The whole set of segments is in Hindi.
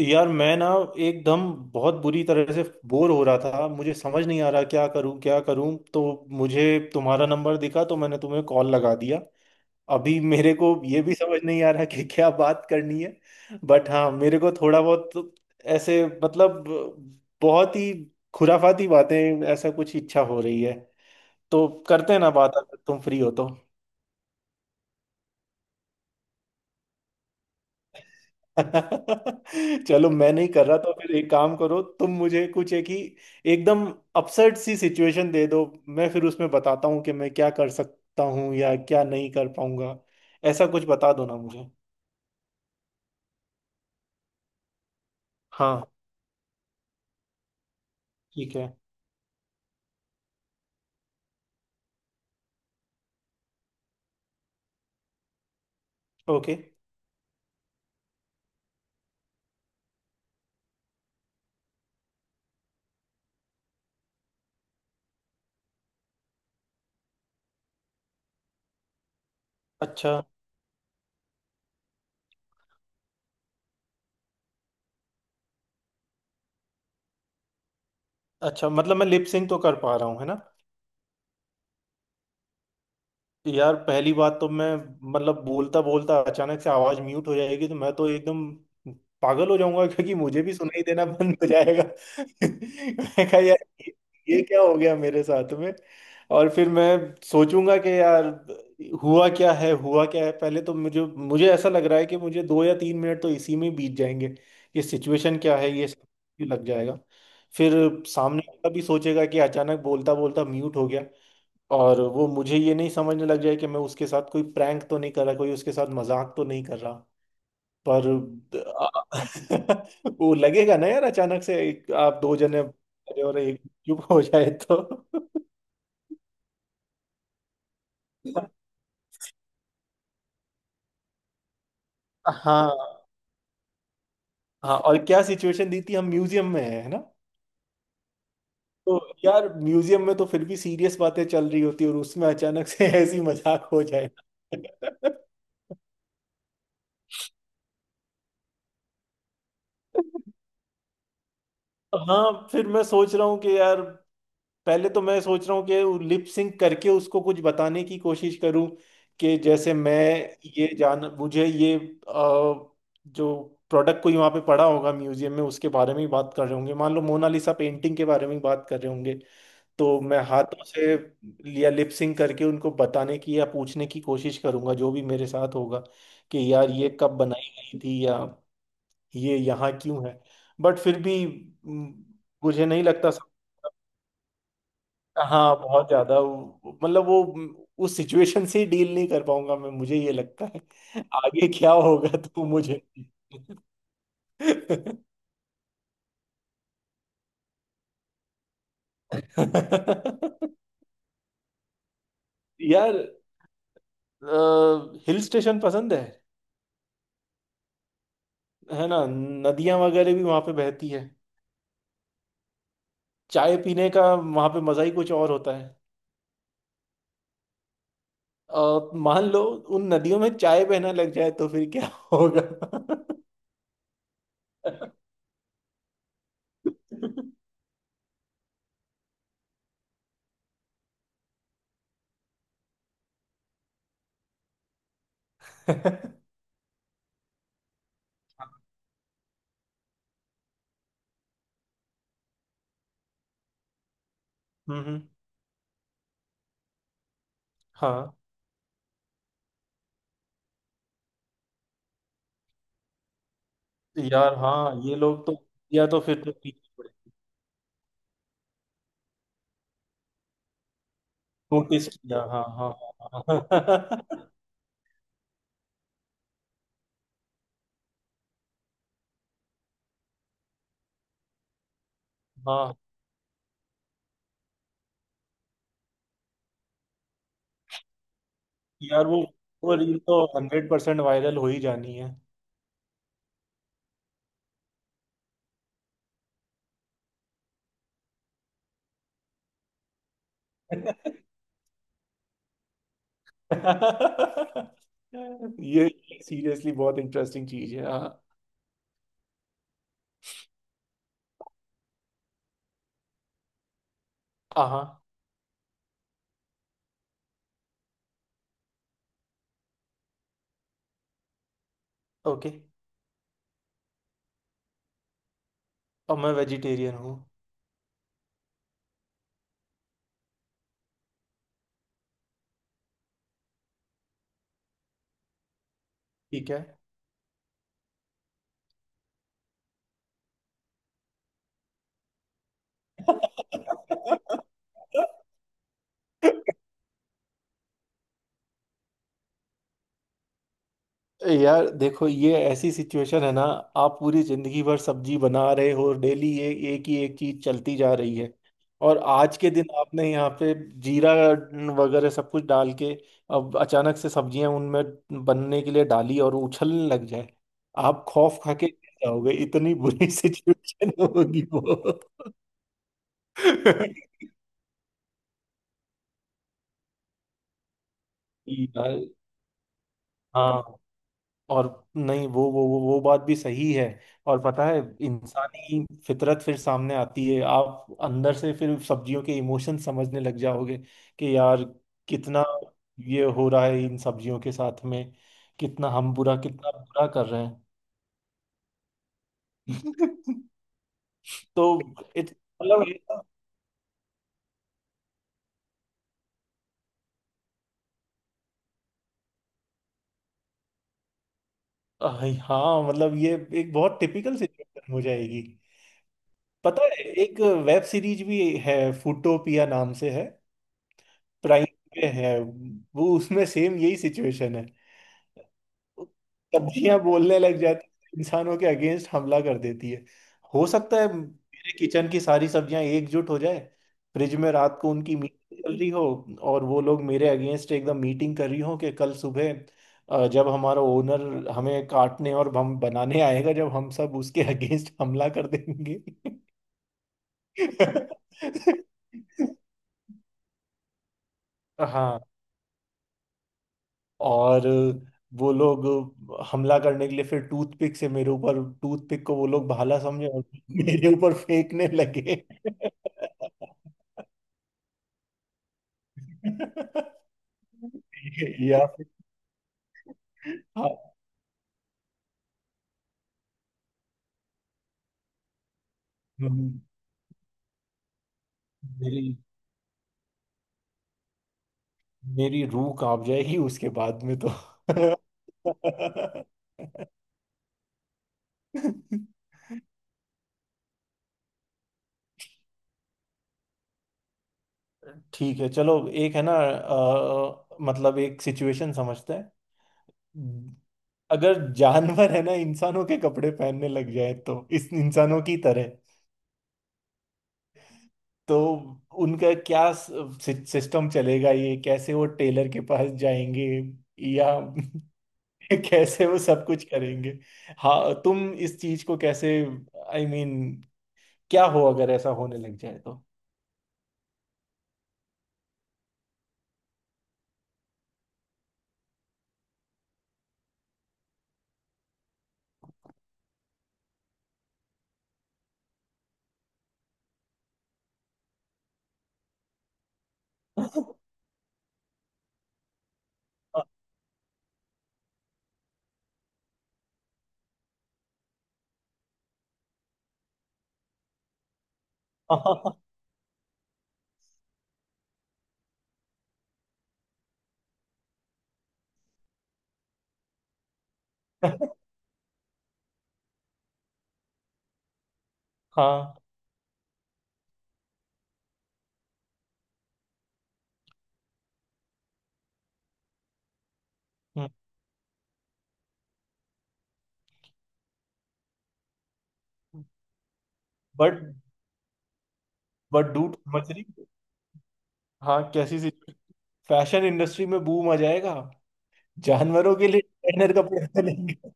यार मैं ना एकदम बहुत बुरी तरह से बोर हो रहा था। मुझे समझ नहीं आ रहा क्या करूं तो मुझे तुम्हारा नंबर दिखा तो मैंने तुम्हें कॉल लगा दिया। अभी मेरे को ये भी समझ नहीं आ रहा कि क्या बात करनी है। बट हाँ मेरे को थोड़ा बहुत ऐसे मतलब बहुत ही खुराफाती बातें ऐसा कुछ इच्छा हो रही है। तो करते हैं ना बात, अगर तुम फ्री हो तो। चलो मैं नहीं कर रहा तो फिर एक काम करो, तुम मुझे कुछ एक ही एकदम अपसेट सी सिचुएशन दे दो। मैं फिर उसमें बताता हूँ कि मैं क्या कर सकता हूँ या क्या नहीं कर पाऊंगा। ऐसा कुछ बता दो ना मुझे। हाँ ठीक है। ओके। अच्छा। अच्छा मतलब मैं लिप सिंक तो कर पा रहा हूँ, है ना? यार पहली बात तो मैं मतलब बोलता बोलता अचानक से आवाज म्यूट हो जाएगी तो मैं तो एकदम पागल हो जाऊंगा। क्योंकि मुझे भी सुनाई देना बंद हो जाएगा। मैं कहा यार ये ये क्या हो गया मेरे साथ में। और फिर मैं सोचूंगा कि यार हुआ क्या है हुआ क्या है, पहले तो मुझे मुझे ऐसा लग रहा है कि मुझे 2 या 3 मिनट तो इसी में बीत जाएंगे। ये सिचुएशन क्या है ये सब भी लग जाएगा। फिर सामने वाला भी सोचेगा कि अचानक बोलता बोलता म्यूट हो गया। और वो मुझे ये नहीं समझने लग जाए कि मैं उसके साथ कोई प्रैंक तो नहीं कर रहा, कोई उसके साथ मजाक तो नहीं कर रहा। पर वो लगेगा ना यार, अचानक से एक, आप दो जने अरे और एक चुप हो जाए तो। हाँ हाँ। और क्या सिचुएशन दी थी, हम म्यूजियम में है ना? तो यार म्यूजियम में तो फिर भी सीरियस बातें चल रही होती है और उसमें अचानक से ऐसी मजाक हो जाए। हाँ फिर मैं सोच रहा हूँ कि यार पहले तो मैं सोच रहा हूँ कि लिप सिंक करके उसको कुछ बताने की कोशिश करूँ। कि जैसे मैं ये जान मुझे ये जो प्रोडक्ट कोई वहाँ पे पड़ा होगा म्यूजियम में उसके बारे में ही बात कर रहे होंगे, मान लो मोनालिसा पेंटिंग के बारे में ही बात कर रहे होंगे। तो मैं हाथों से या लिप सिंक करके उनको बताने की या पूछने की कोशिश करूंगा जो भी मेरे साथ होगा। कि यार ये कब बनाई गई थी या ये यहाँ क्यों है। बट फिर भी म, मुझे नहीं लगता। हाँ बहुत ज्यादा वो उस सिचुएशन से डील नहीं कर पाऊंगा मैं, मुझे ये लगता है। आगे क्या होगा तो मुझे नहीं। यार हिल स्टेशन पसंद है। है ना, नदियां वगैरह भी वहां पे बहती है। चाय पीने का वहां पे मजा ही कुछ और होता है। मान लो उन नदियों में चाय बहना लग जाए तो फिर क्या होगा? हम्म हाँ। यार हाँ ये लोग तो या तो फिर तो नोटिस किया। हाँ हाँ। हाँ हाँ। हाँ, यार वो रील तो 100% वायरल हो ही जानी है। ये सीरियसली बहुत इंटरेस्टिंग चीज है। हाँ। हाँ। ओके। और मैं वेजिटेरियन हूँ। ठीक है। यार देखो ये ऐसी सिचुएशन है ना। आप पूरी जिंदगी भर सब्जी बना रहे हो डेली, ये एक ही एक चीज चलती जा रही है। और आज के दिन आपने यहाँ पे जीरा वगैरह सब कुछ डाल के अब अचानक से सब्जियां उनमें बनने के लिए डाली और उछलने लग जाए। आप खौफ खा के गिर जाओगे, इतनी बुरी सिचुएशन होगी वो। यार हाँ और नहीं वो बात भी सही है। और पता है इंसानी फितरत फिर सामने आती है, आप अंदर से फिर सब्जियों के इमोशन समझने लग जाओगे। कि यार कितना ये हो रहा है इन सब्जियों के साथ में। कितना हम बुरा कितना बुरा कर रहे हैं। तो it- मतलब ये- हाँ मतलब ये एक बहुत टिपिकल सिचुएशन हो जाएगी। पता है एक वेब सीरीज भी है, फूटोपिया नाम से है। प्राइम पे है वो, उसमें सेम यही सिचुएशन है। सब्जियां बोलने लग जाती है, इंसानों के अगेंस्ट हमला कर देती है। हो सकता है मेरे किचन की सारी सब्जियां एकजुट हो जाए। फ्रिज में रात को उनकी मीटिंग चल रही हो और वो लोग मेरे अगेंस्ट एकदम मीटिंग कर रही हो कि कल सुबह जब हमारा ओनर हमें काटने और हम बनाने आएगा जब हम सब उसके अगेंस्ट हमला कर देंगे। हाँ और वो लोग हमला करने के लिए फिर टूथपिक से मेरे ऊपर, टूथपिक को वो लोग भाला समझे और मेरे ऊपर फेंकने लगे। या फिर। हाँ। हम्म, मेरी मेरी रूह कांप जाएगी उसके बाद में तो। ठीक है चलो, एक है ना मतलब एक सिचुएशन समझते हैं। अगर जानवर है ना इंसानों के कपड़े पहनने लग जाए तो, इस इंसानों की तरह तो उनका क्या सिस्टम चलेगा, ये कैसे वो टेलर के पास जाएंगे या कैसे वो सब कुछ करेंगे? हाँ तुम इस चीज को कैसे आई I मीन mean, क्या हो अगर ऐसा होने लग जाए तो? हाँ बट बट डूड समझ रही। हाँ कैसी सी, फैशन इंडस्ट्री में बूम आ जाएगा। जानवरों के लिए डिजाइनर कपड़े बनेंगे।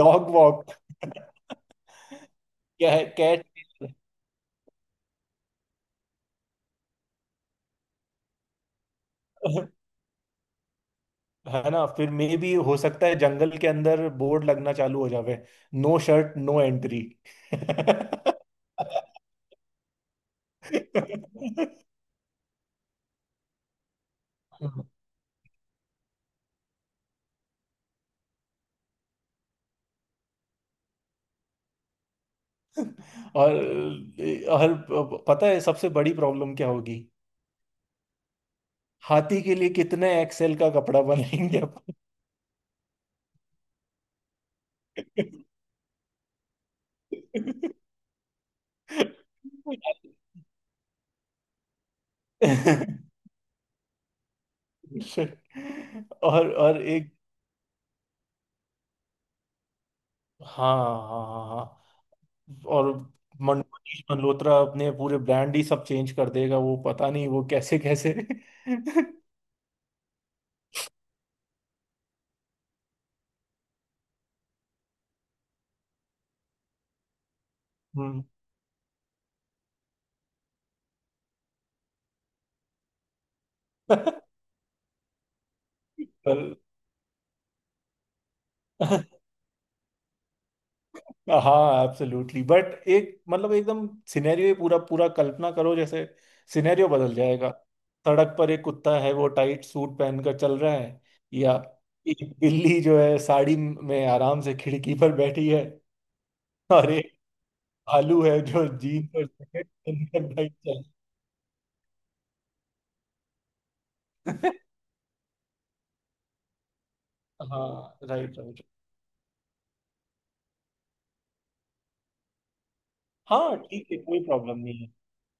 Dog walk. कैट। है ना फिर मे भी हो सकता है जंगल के अंदर बोर्ड लगना चालू हो जावे। No shirt no entry. और और पता है सबसे बड़ी प्रॉब्लम क्या होगी? हाथी के लिए कितने एक्सेल का कपड़ा बनाएंगे अपन? और एक। हाँ हाँ। हाँ हाँ। और मनीष मल्होत्रा अपने पूरे ब्रांड ही सब चेंज कर देगा, वो पता नहीं वो कैसे कैसे। हम्म। पर- हाँ एब्सोल्युटली, बट एक मतलब एकदम सिनेरियो ही पूरा पूरा कल्पना करो जैसे। सिनेरियो बदल जाएगा। सड़क पर एक कुत्ता है वो टाइट सूट पहनकर चल रहा है। या एक बिल्ली जो है साड़ी में आराम से खिड़की पर बैठी है। और एक भालू है जो जीन पर जैकेट पहनकर बैठ चल। हाँ राइट। हाँ ठीक है, कोई प्रॉब्लम नहीं है।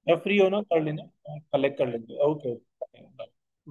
जब फ्री हो ना कर लेना। कलेक्ट कर लेंगे। Okay okay.